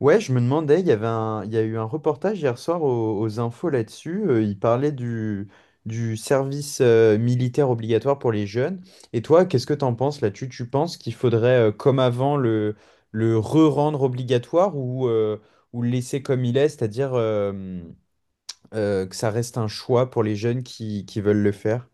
Ouais, je me demandais, il y a eu un reportage hier soir aux infos là-dessus. Il parlait du service militaire obligatoire pour les jeunes. Et toi, qu'est-ce que t'en penses là-dessus? Tu penses qu'il faudrait, comme avant, le re-rendre obligatoire ou ou le laisser comme il est, c'est-à-dire que ça reste un choix pour les jeunes qui veulent le faire?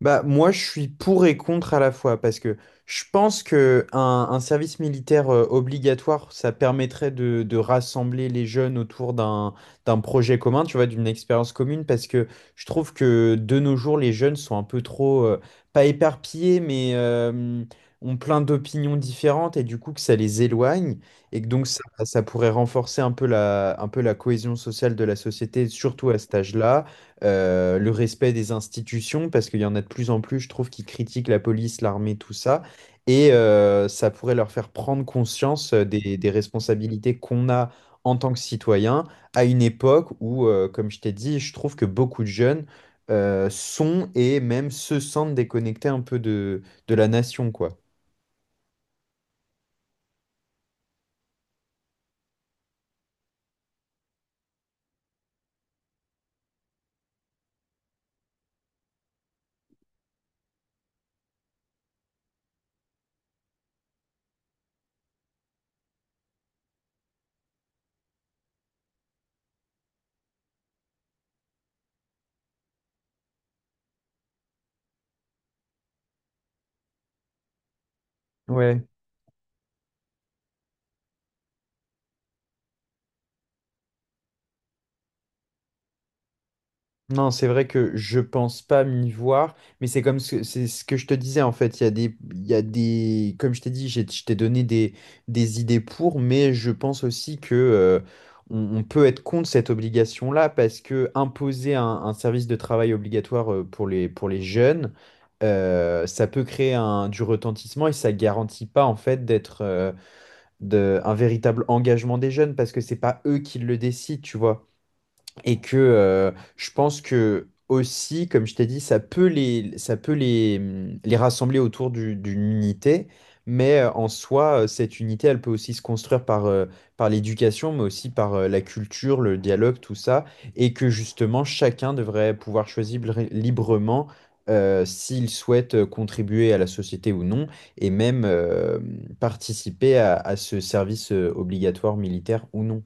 Bah, moi, je suis pour et contre à la fois, parce que je pense que un service militaire obligatoire, ça permettrait de rassembler les jeunes autour d'un d'un projet commun, tu vois, d'une expérience commune, parce que je trouve que de nos jours, les jeunes sont un peu trop, pas éparpillés, mais ont plein d'opinions différentes, et du coup, que ça les éloigne, et que donc ça pourrait renforcer un peu un peu la cohésion sociale de la société, surtout à cet âge-là, le respect des institutions, parce qu'il y en a de plus en plus, je trouve, qui critiquent la police, l'armée, tout ça. Et ça pourrait leur faire prendre conscience des responsabilités qu'on a en tant que citoyen à une époque où, comme je t'ai dit, je trouve que beaucoup de jeunes sont et même se sentent déconnectés un peu de la nation, quoi. Ouais. Non, c'est vrai que je pense pas m'y voir, mais c'est c'est ce que je te disais en fait. Il y a des, il y a des, comme je t'ai dit, je t'ai donné des idées pour, mais je pense aussi que on peut être contre cette obligation-là parce que imposer un service de travail obligatoire pour pour les jeunes, ça peut créer du retentissement et ça garantit pas en fait un véritable engagement des jeunes parce que c'est pas eux qui le décident, tu vois. Et que Je pense que aussi, comme je t'ai dit, ça peut les rassembler autour d'une unité, mais en soi, cette unité, elle peut aussi se construire par l'éducation, mais aussi par la culture, le dialogue, tout ça, et que justement, chacun devrait pouvoir choisir librement s'il souhaite contribuer à la société ou non, et même participer à ce service obligatoire militaire ou non.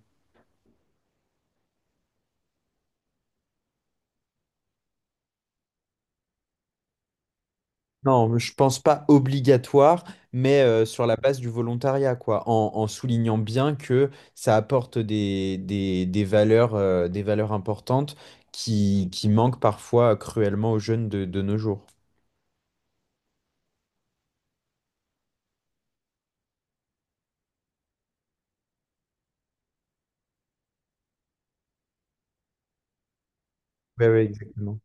Non, je pense pas obligatoire, mais sur la base du volontariat, quoi, en soulignant bien que ça apporte des valeurs, des valeurs importantes qui manquent parfois cruellement aux jeunes de nos jours. Oui, oui, exactement.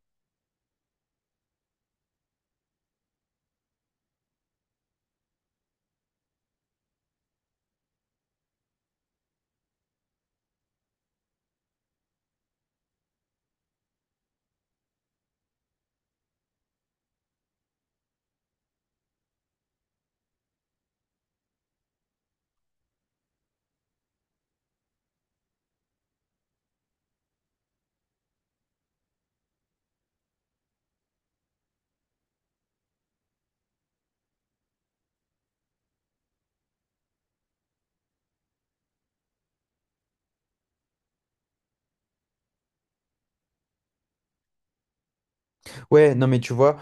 Ouais, non, mais tu vois,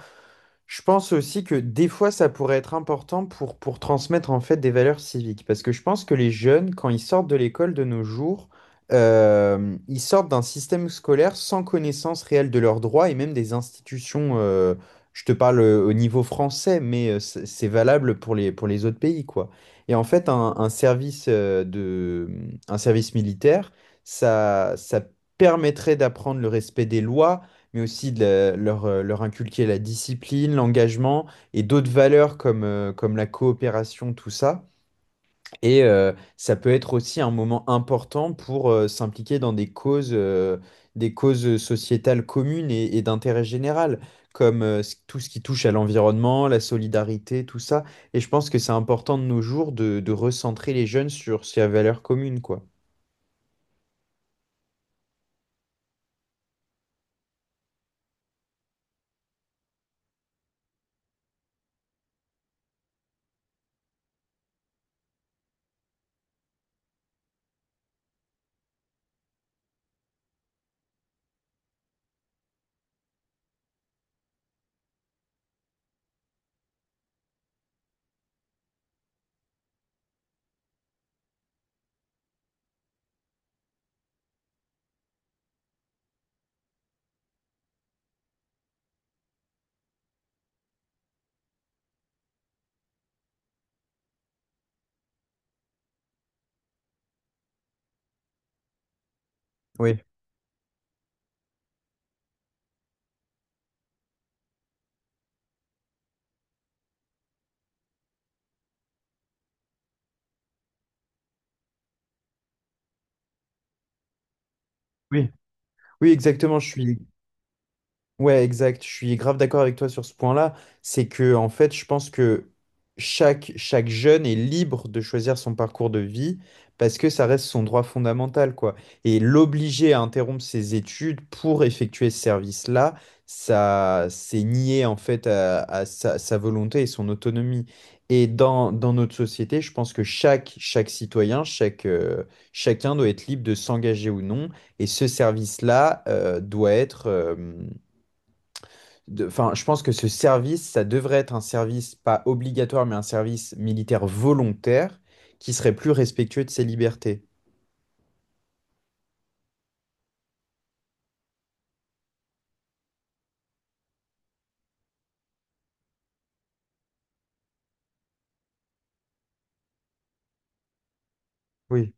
je pense aussi que des fois, ça pourrait être important pour transmettre en fait des valeurs civiques. Parce que je pense que les jeunes, quand ils sortent de l'école de nos jours, ils sortent d'un système scolaire sans connaissance réelle de leurs droits et même des institutions. Je te parle au niveau français, mais c'est valable pour pour les autres pays, quoi. Et en fait, un service militaire, ça permettrait d'apprendre le respect des lois mais aussi de leur inculquer la discipline, l'engagement et d'autres valeurs comme la coopération, tout ça. Et ça peut être aussi un moment important pour s'impliquer dans des des causes sociétales communes et d'intérêt général, comme tout ce qui touche à l'environnement, la solidarité, tout ça. Et je pense que c'est important de nos jours de recentrer les jeunes sur ces valeurs communes, quoi. Oui, oui. Oui, exactement, je suis, ouais, exact. Je suis grave d'accord avec toi sur ce point-là. C'est que, en fait, je pense que chaque jeune est libre de choisir son parcours de vie parce que ça reste son droit fondamental, quoi. Et l'obliger à interrompre ses études pour effectuer ce service-là, ça, c'est nier, en fait, à sa volonté et son autonomie. Et dans notre société, je pense que chacun doit être libre de s'engager ou non. Et ce service-là, doit être, Enfin, je pense que ce service, ça devrait être un service pas obligatoire, mais un service militaire volontaire qui serait plus respectueux de ses libertés. Oui.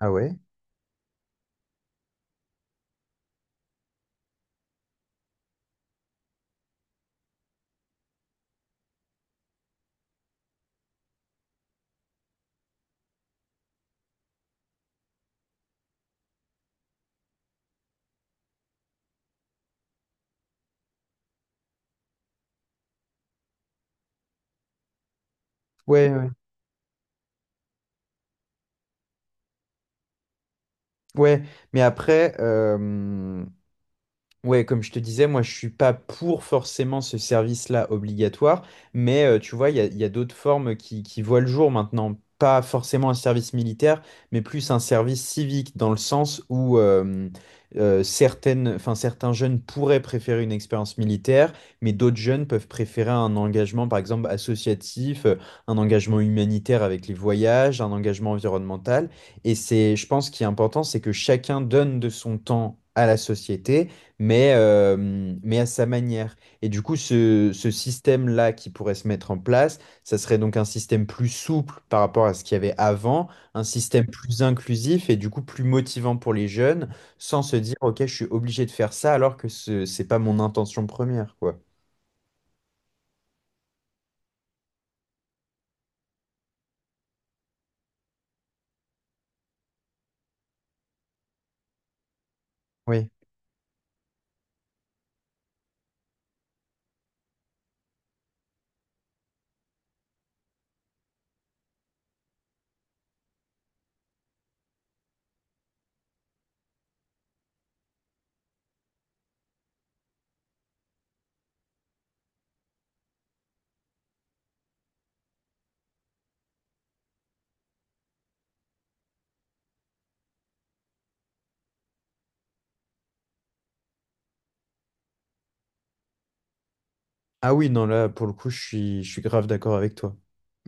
Ah ouais? Ouais, ouais. Ouais, mais après, euh, Ouais, comme je te disais, moi je suis pas pour forcément ce service-là obligatoire, mais tu vois, il y a d'autres formes qui voient le jour maintenant. Pas forcément un service militaire, mais plus un service civique, dans le sens où enfin, certains jeunes pourraient préférer une expérience militaire, mais d'autres jeunes peuvent préférer un engagement, par exemple, associatif, un engagement humanitaire avec les voyages, un engagement environnemental. Et c'est, je pense, ce qui est important, c'est que chacun donne de son temps à la société mais, euh, mais à sa manière. Et du coup, ce système-là qui pourrait se mettre en place, ça serait donc un système plus souple par rapport à ce qu'il y avait avant, un système plus inclusif et du coup plus motivant pour les jeunes, sans se dire, OK, je suis obligé de faire ça alors que c'est pas mon intention première, quoi. Oui. Ah oui, non, là, pour le coup, je suis grave d'accord avec toi.